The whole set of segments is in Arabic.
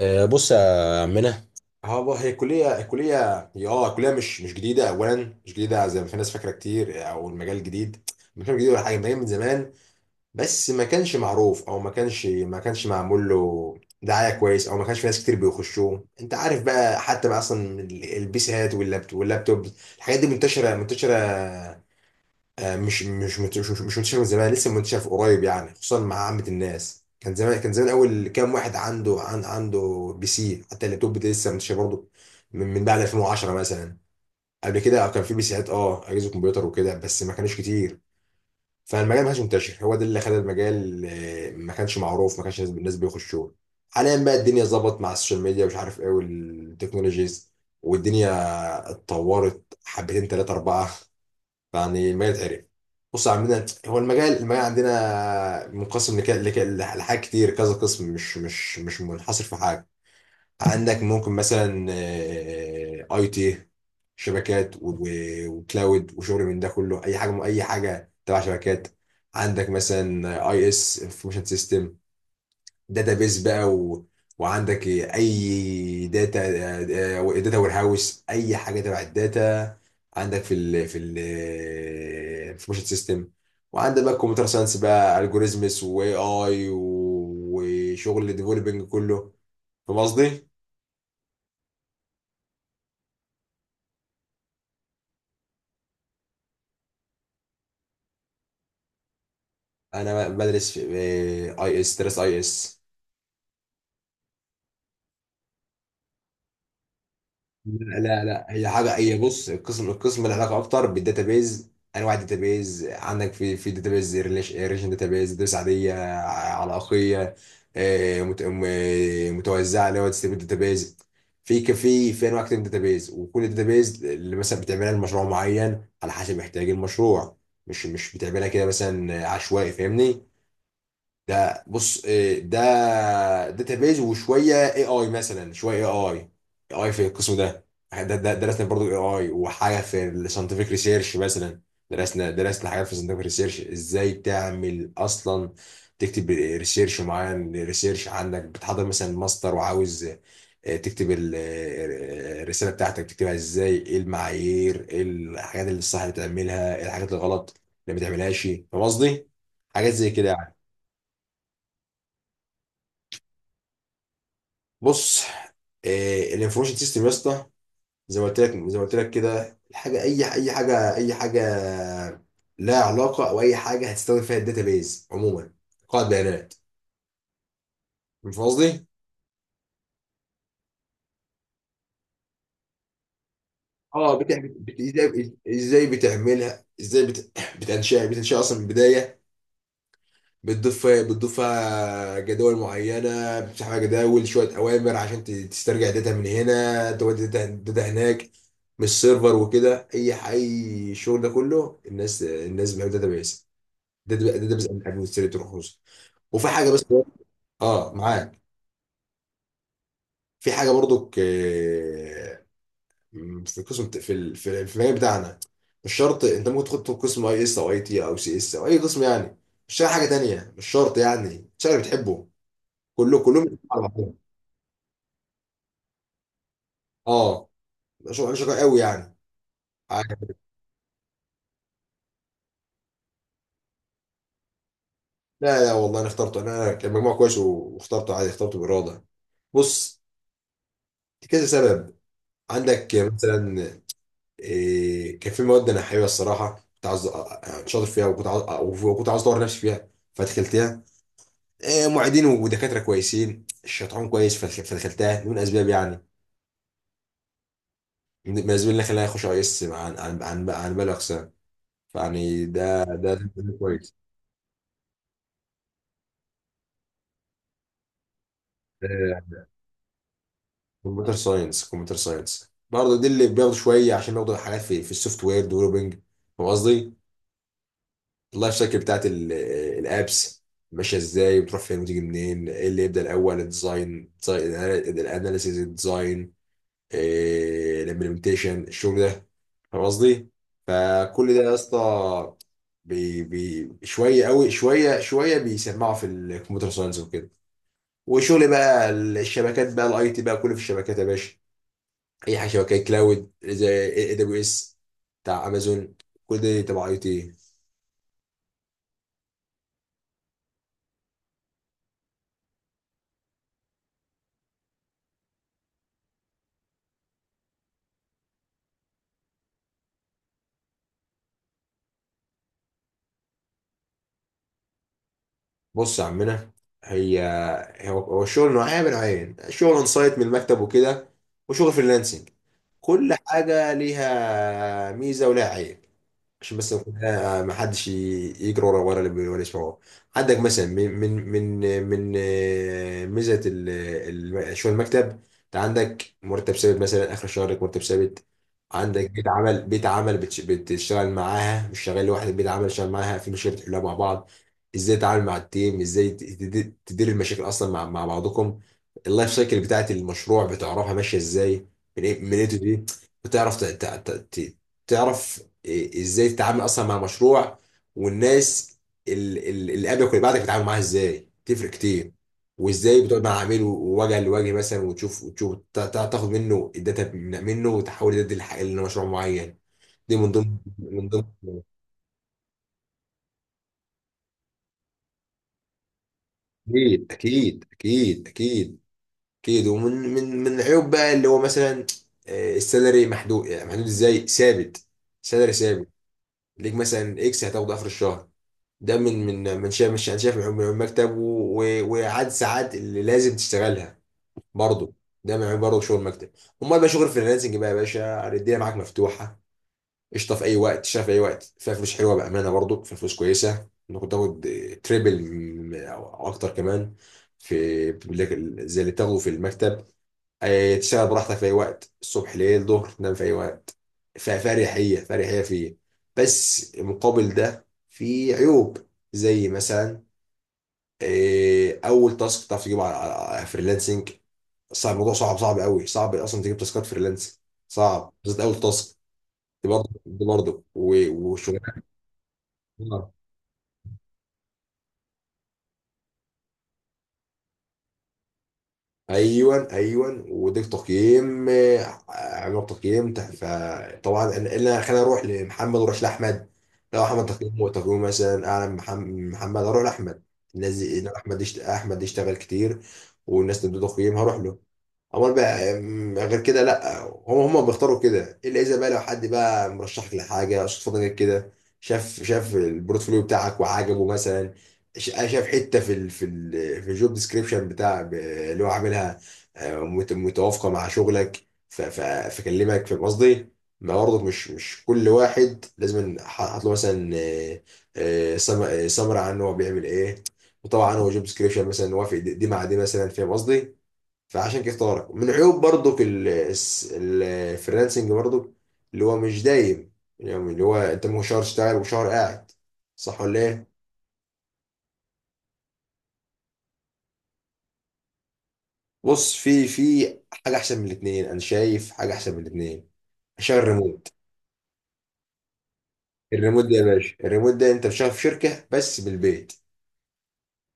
آه، بص يا عمنا. هو هي كلية هي كلية مش جديدة أولا. مش جديدة زي ما في ناس فاكرة كتير، أو المجال جديد، مكان جديد ولا حاجة. مجال من زمان بس ما كانش معروف، أو ما كانش ما كانش معمول له دعاية كويس، أو ما كانش في ناس كتير بيخشوه. أنت عارف بقى، حتى بقى أصلا البيسات واللابتوب الحاجات دي منتشرة. آه، مش مش مت- مش مش منتشر من زمان، لسه منتشر في قريب يعني، خصوصا مع عامة الناس. كان زمان اول كام واحد عنده بي سي، حتى اللابتوب ده لسه منتشر برضه من بعد 2010 مثلا. قبل كده كان في بي سيات، اجهزه كمبيوتر وكده، بس ما كانش كتير. فالمجال ما كانش منتشر، هو ده اللي خلى المجال آه، ما كانش معروف، ما كانش الناس بيخشوه. حاليا بقى الدنيا ظبط مع السوشيال ميديا ومش عارف ايه والتكنولوجيز والدنيا اتطورت حبتين تلاتة أربعة، يعني المجال اتقرب. بص، عندنا هو المجال عندنا منقسم لحاجات كتير، كذا قسم، مش منحصر في حاجه. عندك ممكن مثلا آه، اي تي، شبكات وكلاود وشغل من ده كله، اي حاجه، اي حاجه تبع شبكات. عندك مثلا اي اس، انفورميشن سيستم، داتابيز بقى و... وعندك اي داتا، آه، داتا وير هاوس، اي حاجه تبع الداتا. عندك في ال انفورميشن سيستم. وعندك بقى كمبيوتر ساينس بقى، الجوريزمس واي اي وشغل الديفلوبينج كله. فاهم قصدي؟ انا بدرس في اي اس، درس اي اس. لا لا لا، هي حاجه، هي بص، القسم له علاقه اكتر بالداتابيز. انواع الداتابيز، عندك في داتابيز ريليشن، داتابيز داتابيز عاديه علاقيه، آه، متوزعه اللي هو ديستريبيوت داتابيز. في ك- في في انواع كتير من الداتابيز، وكل داتابيز اللي مثلا بتعملها لمشروع معين على حسب احتياج المشروع. مش بتعملها كده مثلا عشوائي، فاهمني؟ ده بص إيه، ده داتابيز وشويه اي اي، مثلا شويه اي اي، اي في القسم ده، ده درسنا برضو اي اي، وحاجه في الساينتفك ريسيرش مثلا. درسنا حاجات في الساينتفك ريسيرش، ازاي تعمل اصلا، تكتب ريسيرش معين. ريسيرش عندك بتحضر مثلا ماستر، وعاوز آه، تكتب الرساله بتاعتك، تكتبها ازاي، ايه المعايير، ايه الحاجات اللي الصح بتعملها، ايه الحاجات الغلط اللي ما تعملهاش. فاهم قصدي؟ حاجات زي كده يعني. بص إيه، الانفورميشن سيستم يا اسطى، زي ما قلت لك، زي ما قلت لك كده الحاجه، اي اي حاجه اي حاجه لها علاقه، او اي حاجه هتستخدم فيها الداتابيز عموما، قاعده بيانات. فاهم قصدي؟ اه، ازاي، بتعملها ازاي، بتنشأ، بتنشأ اصلا من البدايه. بتضيف، فيها جداول معينه، بتفتح فيها جداول، شويه اوامر عشان تسترجع داتا من هنا، تودي داتا هناك. مش سيرفر وكده، اي اي الشغل ده كله، الناس بتعمل داتا بيس. ده بس اهم حاجه بتشتري تروح روسيا، وفي حاجه بس. اه، معاك. في حاجه برضو في القسم، في المجال بتاعنا، مش شرط. انت ممكن تدخل قسم اي اس او اي تي او سي اس او اي قسم يعني، تشتغل حاجه تانية، مش شرط يعني. تشتغل اللي بتحبه، كله كلهم يتفقوا على بعضهم. اه، شغل انا شغال قوي يعني. عارف. لا لا والله، انا اخترته. انا كان مجموع كويس واخترته عادي، اخترته باراده. بص، كذا سبب. عندك مثلا إيه، كان في مواد انا حاببها الصراحه، كنت عاوز شاطر فيها، وكنت عاوز اطور نفسي فيها، فدخلتها. إيه، معيدين ودكاتره كويسين، الشيطان كويس، فدخلتها. دي من اسباب يعني، من الاسباب اللي خلاني اخش اي اس عن باقي الاقسام. فيعني ده كويس. كمبيوتر ساينس، كمبيوتر ساينس برضه دي اللي بياخدوا شويه، عشان بياخدوا حاجات في السوفت وير ديفلوبينج. فاهم قصدي؟ اللايف سايكل بتاعت الابس، ماشيه ازاي، بتروح فين وتيجي منين، ايه اللي يبدا الاول، الديزاين، الاناليسيز، الامبلمنتيشن، الشغل ده. فاهم قصدي؟ فكل ده يا اسطى. بي شويه قوي، شويه بيسمعوا في الكمبيوتر ساينس وكده. وشغل بقى الشبكات بقى، الاي تي بقى كله في الشبكات يا باشا. اي حاجه شبكات، كلاود زي اي دبليو اس بتاع امازون، كل ده تبع اي تي. بص يا عمنا، هي هو الشغل نوعين. من نوعين، شغل اون سايت من المكتب وكده، وشغل فريلانسنج. كل حاجه ليها ميزه ولها عيب. عشان بس ما حدش يجري ورا اللي ولا يسمعه. عندك مثلا من ميزه شغل المكتب، انت عندك مرتب ثابت، مثلا اخر الشهر لك مرتب ثابت. عندك بيت عمل، بتشتغل معاها، مش شغال لوحدك، بيت عمل شغال معاها، في مشاكل تحلها مع بعض. ازاي تتعامل مع التيم، ازاي تدير المشاكل اصلا مع بعضكم. اللايف سايكل بتاعت المشروع بتعرفها ماشيه ازاي، من ايه من ايه تو دي، بتعرف ت- تعرف إيه ازاي تتعامل اصلا مع مشروع. والناس اللي قبلك واللي بعدك، بتتعامل معاها ازاي، تفرق كتير. وازاي بتقعد مع عميل وجه لوجه مثلا، وتشوف تاخد منه الداتا منه، وتحول الداتا دي لمشروع معين. دي من ضمن، من ضمن. اكيد اكيد. ومن من من العيوب بقى اللي هو مثلا آه، السالري محدود، يعني محدود ازاي، ثابت، سالري ثابت. ليك مثلا اكس هتاخده اخر الشهر. ده من من شايف، مش انا شايف من عيوب، من عيوب المكتب، وعاد ساعات اللي لازم تشتغلها برضه. ده من عيوب برضه شغل المكتب. امال بقى شغل الفريلانسنج بقى يا باشا، الدنيا معاك مفتوحه، قشطه، في اي وقت تشتغل، في اي وقت فيها فلوس حلوه، بامانه برضه فيها فلوس كويسه. ممكن تاخد تريبل او أو اكتر كمان في، زي اللي بتاخده في المكتب. آه، تشتغل براحتك في اي وقت، الصبح ليل ظهر، تنام في اي وقت. فاريحيه فيه. بس مقابل ده في عيوب. زي مثلا آه، اول تاسك تعرف تجيبه على على فريلانسنج، صعب. الموضوع صعب، صعب قوي، صعب اصلا تجيب تاسكات فريلانسنج، صعب بالذات اول تاسك. دي برضه، دي برضه وشغلانه. ايوان وديك تقييم، آه، عملوا تقييم فطبعا انا، خلينا اروح لمحمد واروح لاحمد. لو احمد تقييمه مثلا اعلى من محمد، اروح لاحمد. الناس دي إن احمد احمد يشتغل كتير، والناس تدي تقييم، هروح له. امال بقى أم، غير كده لا، هم بيختاروا كده، الا اذا بقى لو حد بقى مرشحك لحاجه صدفه جت كده، شاف البورتفوليو بتاعك وعجبه مثلا. شاف حته في الجوب ديسكريبشن بتاع اللي هو عاملها آه، متوافقه مع شغلك، فكلمك. في قصدي، ما برضه مش كل واحد لازم حاطط له مثلا سمر عن هو بيعمل ايه. وطبعا هو جوب ديسكريبشن مثلا، وافق دي مع دي مثلا، فاهم قصدي. فعشان كده اختارك. من عيوب برضه الفريلانسنج برضه اللي هو مش دايم، يعني اللي هو انت ممكن شهر تشتغل وشهر قاعد، صح ولا ايه؟ بص، في حاجه احسن من الاثنين، انا شايف حاجه احسن من الاثنين، عشان الريموت. الريموت ده يا باشا، الريموت ده انت شغال في شركه بس بالبيت،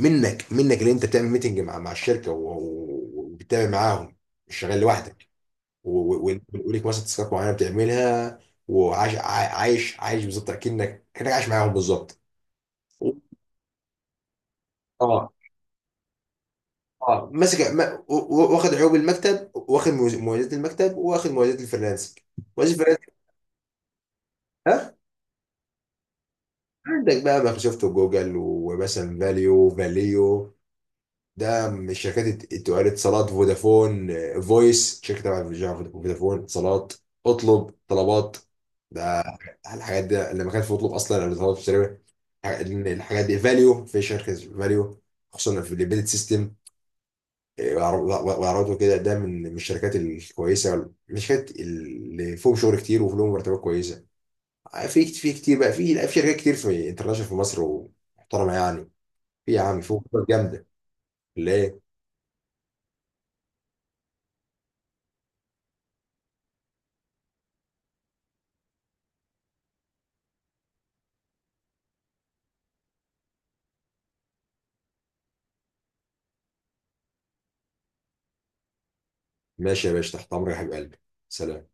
منك اللي انت بتعمل ميتنج مع الشركه وبتتابع معاهم، مش شغال لوحدك، وليك مثلا تاسكات معينه بتعملها. وعايش عايش بالظبط، كانك عايش معاهم بالظبط. اه، اه ماسك واخد عيوب المكتب، واخد مميزات المكتب، واخد مميزات الفريلانسنج، مميزات الفريلانسنج. عندك بقى مايكروسوفت وجوجل ومثلا فاليو، ده من الشركات التقال، اتصالات، فودافون، آه، فويس شركة تبع فودافون، فودافون، اتصالات، اطلب، طلبات، ده الحاجات ده. لما كانت في اطلب اصلا قبل طلبات بتشتري الحاجات دي. فاليو في شركة فاليو، خصوصا في الامبيدد سيستم وعربته كده. ده من الشركات الكويسة، من الشركات اللي فيهم شغل كتير وفيهم مرتبات كويسة. آه، في كتير بقى، في شركات كتير في انترناشونال في مصر، ومحترمه يعني، في يا عم فوق، جامده، ليه. ماشي يا باشا، تحت امرك يا حبيب قلبي، سلام.